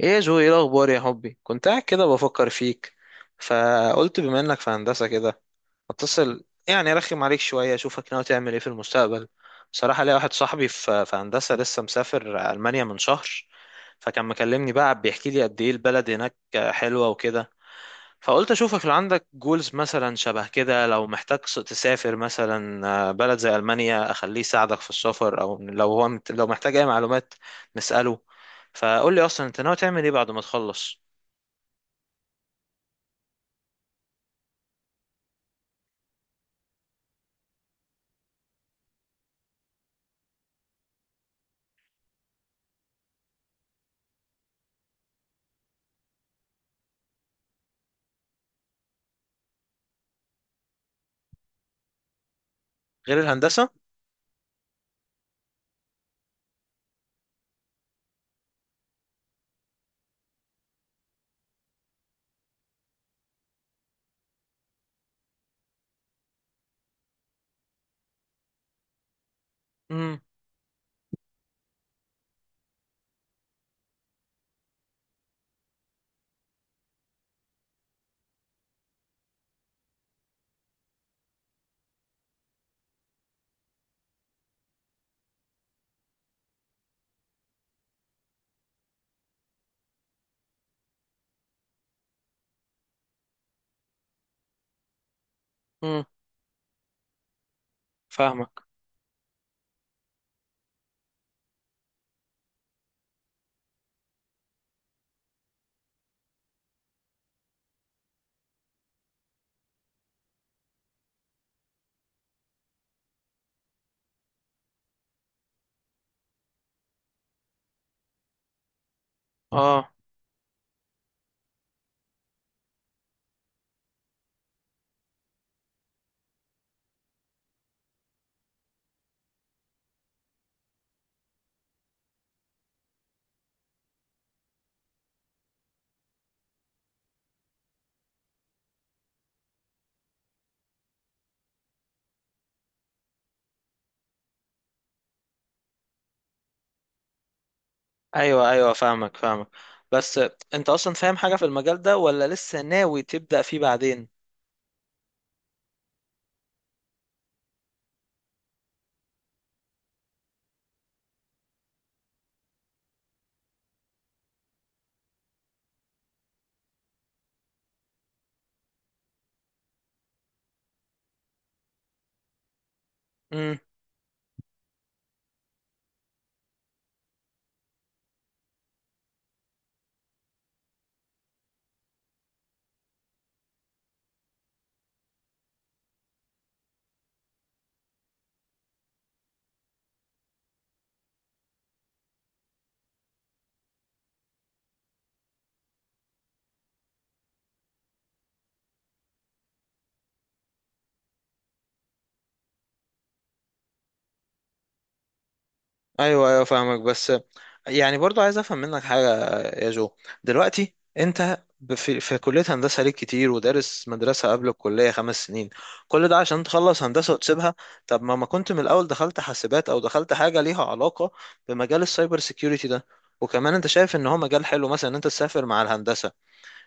ايه يا جو؟ ايه الاخبار يا حبي؟ كنت قاعد كده بفكر فيك، فقلت بما انك في هندسه كده اتصل، يعني ارخم عليك شويه اشوفك ناوي تعمل ايه في المستقبل. بصراحه ليا واحد صاحبي في هندسه، لسه مسافر المانيا من شهر، فكان مكلمني بقى بيحكي لي قد ايه البلد هناك حلوه وكده. فقلت اشوفك لو عندك جولز مثلا شبه كده، لو محتاج تسافر مثلا بلد زي المانيا اخليه يساعدك في السفر، او لو محتاج اي معلومات نساله. فقول لي اصلا انت ناوي تعمل ايه بعد ما تخلص غير الهندسه؟ امم، امم. فاهمك. اه. ايوه، ايوه، فاهمك، فاهمك. بس انت اصلا فاهم حاجه في المجال ده ولا لسه ناوي تبدا فيه بعدين؟ ايوه، ايوه، فاهمك. بس يعني برضو عايز افهم منك حاجه يا جو. دلوقتي انت في كليه هندسه ليك كتير، ودارس مدرسه قبل الكليه 5 سنين، كل ده عشان تخلص هندسه وتسيبها؟ طب ما كنت من الاول دخلت حاسبات او دخلت حاجه ليها علاقه بمجال السايبر سيكيورتي ده؟ وكمان انت شايف ان هو مجال حلو مثلا ان انت تسافر مع الهندسه.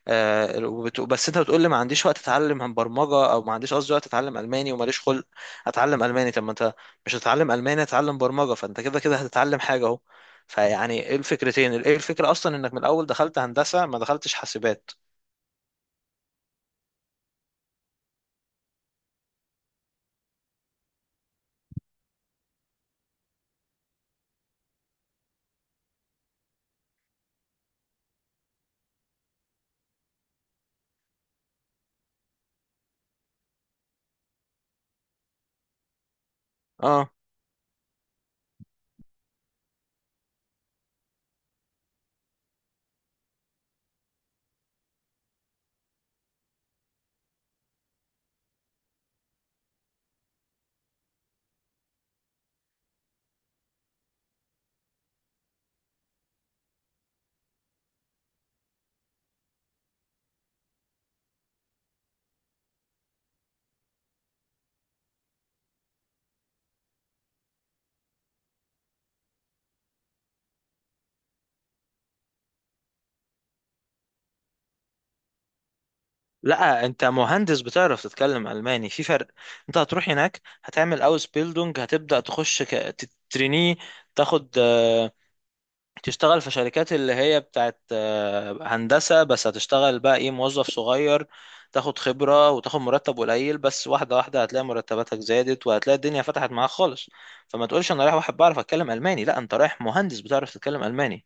بس انت بتقول لي ما عنديش وقت اتعلم عن برمجه، او ما عنديش قصدي وقت اتعلم الماني وماليش خلق اتعلم الماني. طب ما انت مش هتتعلم الماني، هتتعلم برمجه، فانت كده كده هتتعلم حاجه اهو. فيعني ايه الفكرتين، ايه الفكره اصلا انك من الاول دخلت هندسه ما دخلتش حاسبات؟ اه. لا، انت مهندس بتعرف تتكلم الماني، في فرق. انت هتروح هناك، هتعمل اوس بيلدونج، هتبدا تخش تترينيه، تاخد تشتغل في شركات اللي هي بتاعت هندسة، بس هتشتغل بقى ايه، موظف صغير، تاخد خبرة وتاخد مرتب قليل، بس واحدة واحدة هتلاقي مرتباتك زادت وهتلاقي الدنيا فتحت معاك خالص. فما تقولش انا رايح واحد بعرف اتكلم ألماني، لا، انت رايح مهندس بتعرف تتكلم ألماني.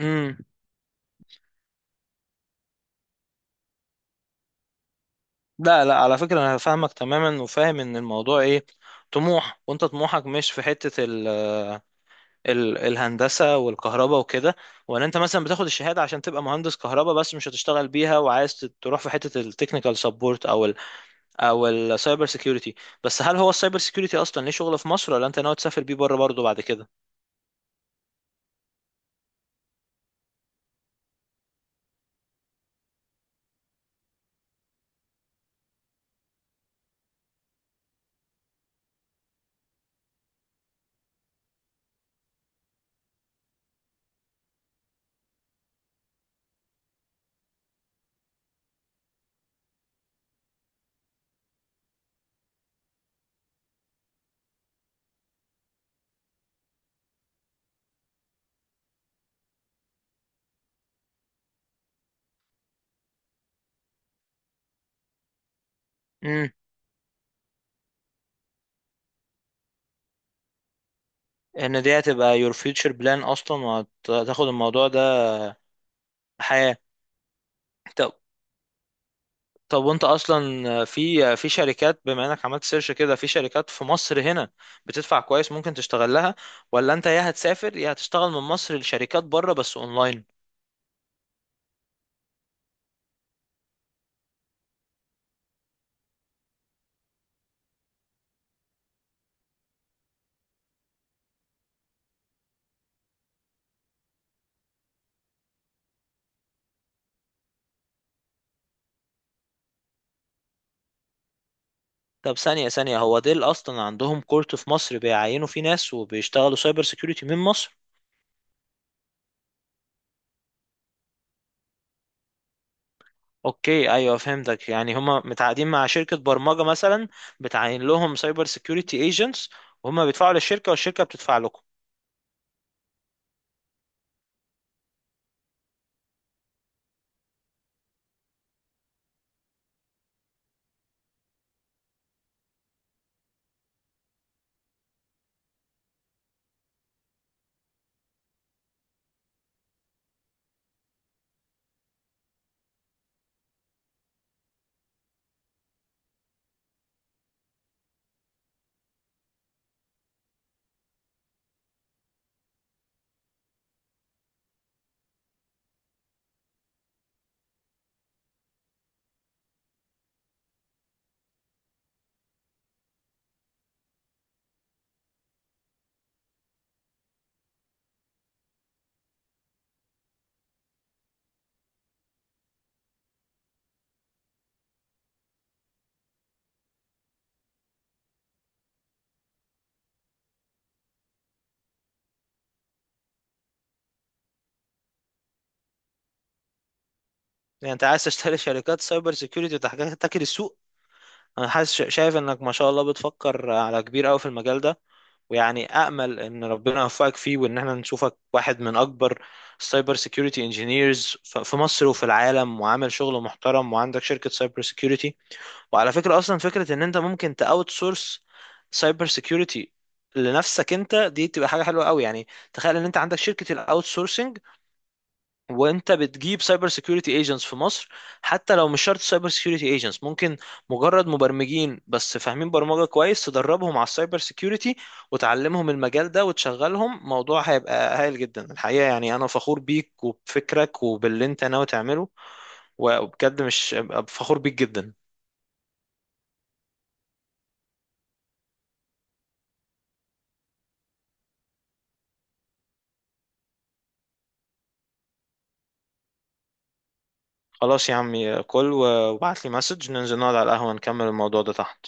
امم. لا، لا، على فكرة انا فاهمك تماما وفاهم ان الموضوع ايه، طموح، وانت طموحك مش في حتة الهندسة والكهرباء وكده. ولا انت مثلا بتاخد الشهادة عشان تبقى مهندس كهرباء بس مش هتشتغل بيها، وعايز تروح في حتة التكنيكال سبورت او او السايبر سيكيورتي؟ بس هل هو السايبر سيكيورتي اصلا ليه شغل في مصر، ولا انت ناوي تسافر بيه بره برضه بعد كده؟ امم. ان دي هتبقى your future plan اصلا وهتاخد الموضوع ده؟ حياة. طب طب، وانت اصلا في شركات، بما انك عملت سيرش كده في شركات في مصر هنا بتدفع كويس ممكن تشتغل لها، ولا انت يا هتسافر يا هتشتغل من مصر لشركات بره بس اونلاين؟ طب، ثانية ثانية، هو ديل اصلا عندهم كورت في مصر بيعينوا فيه ناس وبيشتغلوا سايبر سيكيورتي من مصر؟ اوكي، ايوه، فهمتك. يعني هما متعاقدين مع شركة برمجة مثلا بتعين لهم سايبر سيكيورتي ايجنتس، وهما بيدفعوا للشركة والشركة بتدفع لكم. يعني انت عايز تشتري شركات سايبر سيكيورتي وتحتكر السوق؟ انا حاسس، شايف انك ما شاء الله بتفكر على كبير قوي في المجال ده، ويعني امل ان ربنا يوفقك فيه وان احنا نشوفك واحد من اكبر سايبر سيكيورتي انجينيرز في مصر وفي العالم، وعامل شغل محترم وعندك شركة سايبر سيكيورتي. وعلى فكرة، اصلا فكرة ان انت ممكن تاوت سورس سايبر سيكيورتي لنفسك انت، دي تبقى حاجة حلوة قوي يعني. تخيل ان انت عندك شركة الاوت، وانت بتجيب سايبر سيكيورتي ايجنتس في مصر، حتى لو مش شرط سايبر سيكيورتي ايجنتس، ممكن مجرد مبرمجين بس فاهمين برمجة كويس تدربهم على السايبر سيكيورتي وتعلمهم المجال ده وتشغلهم. موضوع هيبقى هايل جدا الحقيقة. يعني انا فخور بيك وبفكرك وباللي انت ناوي تعمله، وبجد مش فخور بيك جدا. خلاص يا عمي، كل وابعت لي مسج، ننزل نقعد على القهوة نكمل الموضوع ده تحت.